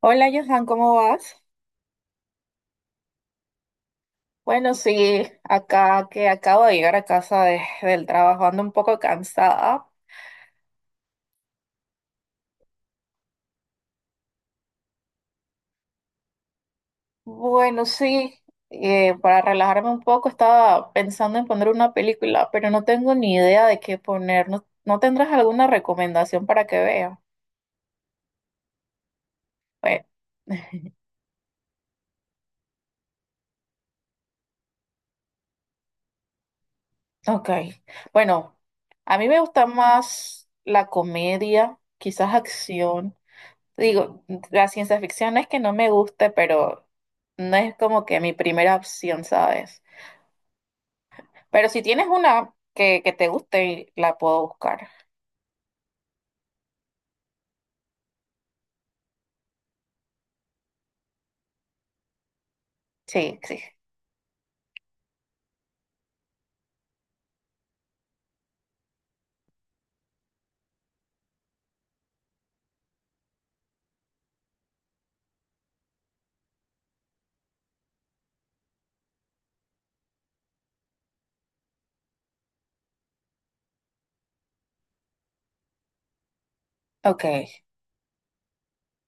Hola Johan, ¿cómo vas? Bueno, sí, acá que acabo de llegar a casa del trabajo, ando un poco cansada. Bueno, sí, para relajarme un poco estaba pensando en poner una película, pero no tengo ni idea de qué poner. ¿No tendrás alguna recomendación para que vea? Bueno, ok. Bueno, a mí me gusta más la comedia, quizás acción. Digo, la ciencia ficción no es que no me guste, pero no es como que mi primera opción, ¿sabes? Pero si tienes una que te guste, la puedo buscar. Sí, sí. Ok.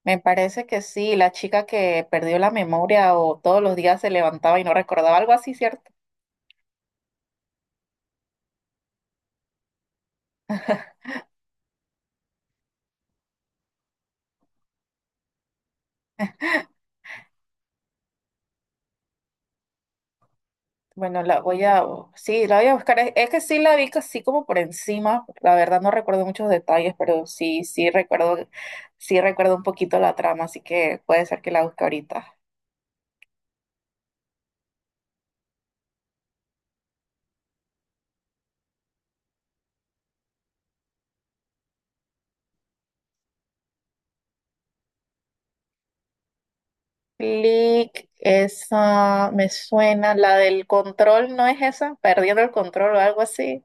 Me parece que sí, la chica que perdió la memoria o todos los días se levantaba y no recordaba algo así, ¿cierto? Bueno, la voy a buscar. Es que sí la vi casi como por encima. La verdad no recuerdo muchos detalles, pero sí recuerdo un poquito la trama, así que puede ser que la busque ahorita. Click, esa me suena, la del control, ¿no es esa? Perdiendo el control o algo así.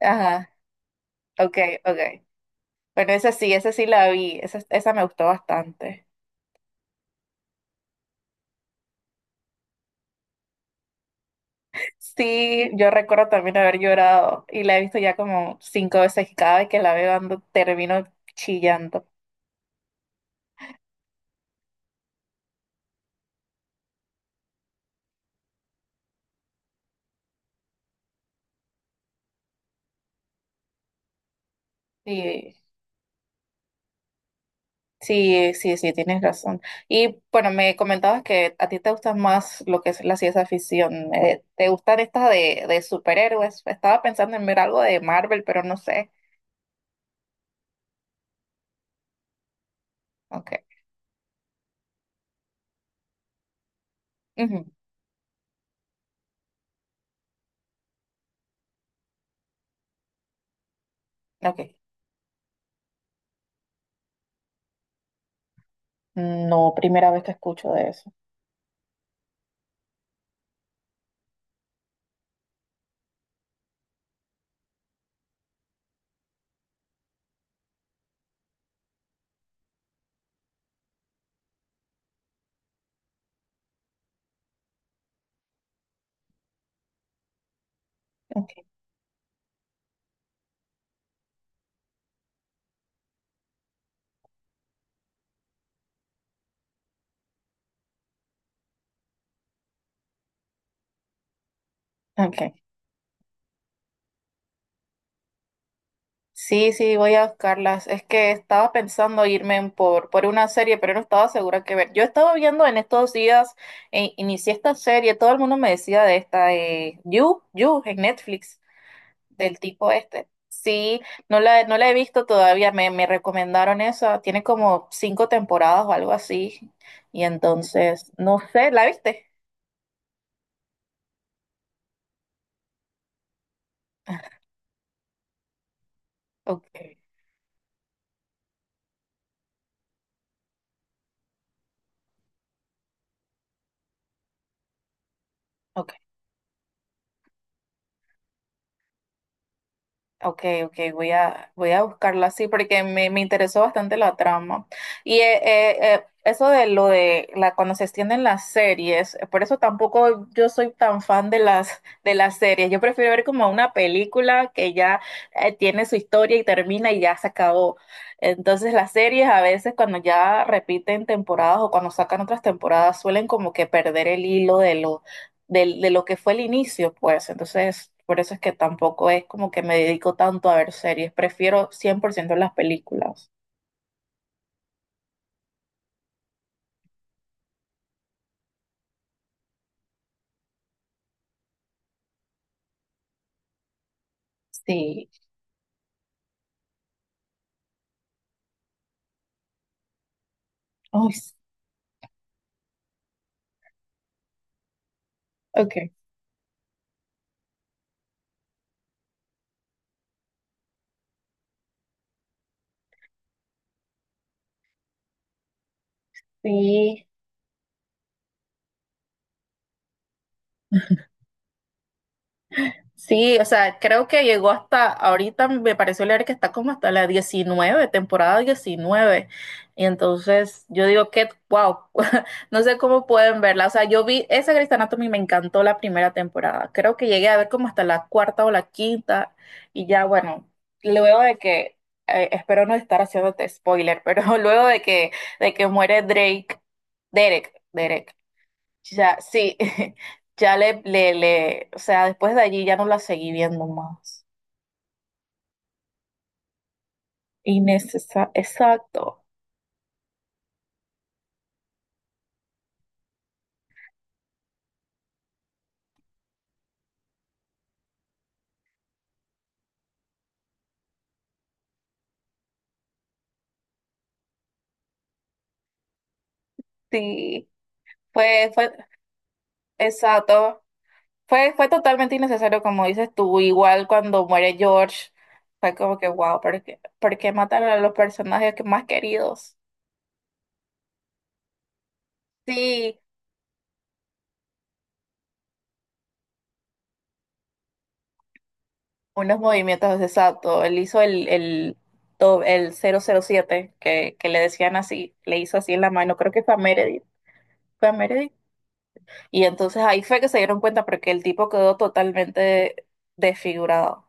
Ajá, ok, ok. Bueno, esa sí la vi, esa me gustó bastante. Sí, yo recuerdo también haber llorado y la he visto ya como cinco veces y cada vez que la veo ando termino chillando. Sí, sí, sí, sí, tienes razón. Y bueno, me comentabas que a ti te gusta más lo que es la ciencia ficción. ¿Te gustan estas de superhéroes? Estaba pensando en ver algo de Marvel, pero no sé. Ok. Ujú, ok. No, primera vez que escucho de eso. Ok. Ok. Sí, sí, voy a buscarlas. Es que estaba pensando irme por una serie, pero no estaba segura qué ver. Yo estaba viendo en estos días, inicié esta serie, todo el mundo me decía de esta, You, You, en Netflix, del tipo este. Sí, no la he visto todavía, me recomendaron esa, tiene como cinco temporadas o algo así. Y entonces, no sé, ¿la viste? Ok, ok. Ok, ok, voy a buscarla así porque me interesó bastante la trama. Y eso de lo de la, cuando se extienden las series, por eso tampoco yo soy tan fan de de las series. Yo prefiero ver como una película que ya tiene su historia y termina y ya se acabó. Entonces las series a veces cuando ya repiten temporadas o cuando sacan otras temporadas suelen como que perder el hilo de lo que fue el inicio, pues. Entonces, por eso es que tampoco es como que me dedico tanto a ver series. Prefiero cien por ciento las películas. Sí, ay, s- ok, sí. Sí, o sea, creo que llegó hasta ahorita, me pareció leer que está como hasta la 19, temporada 19. Y entonces yo digo que wow, no sé cómo pueden verla. O sea, yo vi esa Grey's Anatomy, me encantó la primera temporada. Creo que llegué a ver como hasta la cuarta o la quinta. Y ya, bueno, luego de que, espero no estar haciéndote spoiler, pero luego de que muere Drake, Derek, Derek. Ya, sí, ya o sea, después de allí ya no la seguí viendo más. Innecesario, exacto, sí, fue, fue, exacto, fue totalmente innecesario, como dices tú, igual cuando muere George, fue como que wow, ¿por qué mataron a los personajes que más queridos? Sí, unos movimientos, exacto, él hizo el 007 que le decían así, le hizo así en la mano, creo que fue a Meredith, fue a Meredith. Y entonces ahí fue que se dieron cuenta porque el tipo quedó totalmente desfigurado.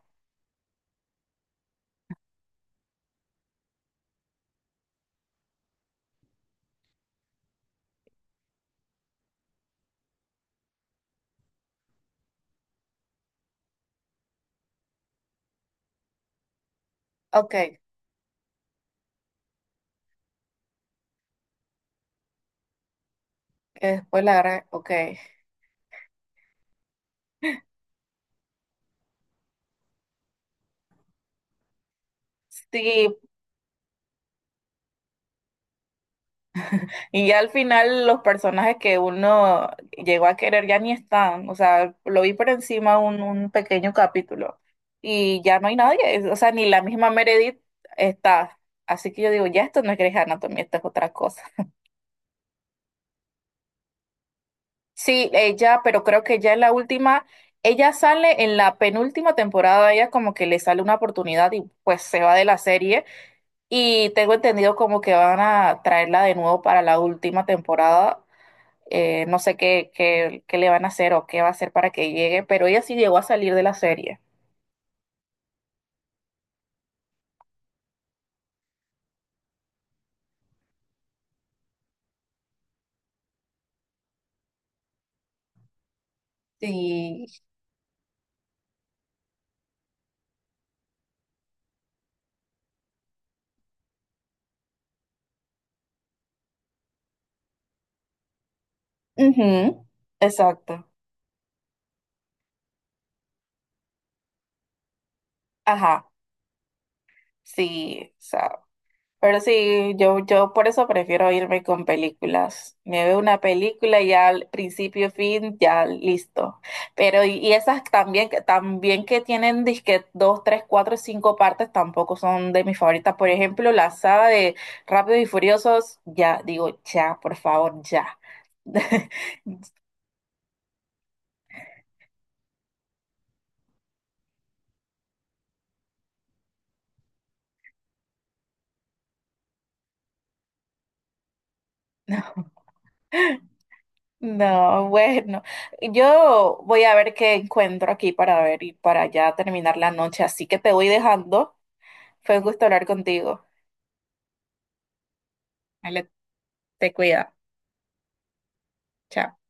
Ok, que después la gran... ok. Sí, y ya al final los personajes que uno llegó a querer ya ni están. O sea, lo vi por encima un pequeño capítulo y ya no hay nadie. O sea, ni la misma Meredith está. Así que yo digo, ya esto no es Grey's Anatomy, esto es otra cosa. Sí, ella, pero creo que ya en la última, ella sale en la penúltima temporada, ella como que le sale una oportunidad y pues se va de la serie y tengo entendido como que van a traerla de nuevo para la última temporada. No sé qué le van a hacer o qué va a hacer para que llegue, pero ella sí llegó a salir de la serie. Sí. Ujú, exacto. Ajá. Sí, o sea, pero sí, yo por eso prefiero irme con películas. Me veo una película y ya al principio, fin, ya listo. Pero y esas también, también que tienen disque dos, tres, cuatro, cinco partes tampoco son de mis favoritas. Por ejemplo, la saga de Rápidos y Furiosos, ya digo, ya, por favor, ya. No, bueno, yo voy a ver qué encuentro aquí para ver y para ya terminar la noche. Así que te voy dejando. Fue un gusto hablar contigo. Ale, te cuida. Chao.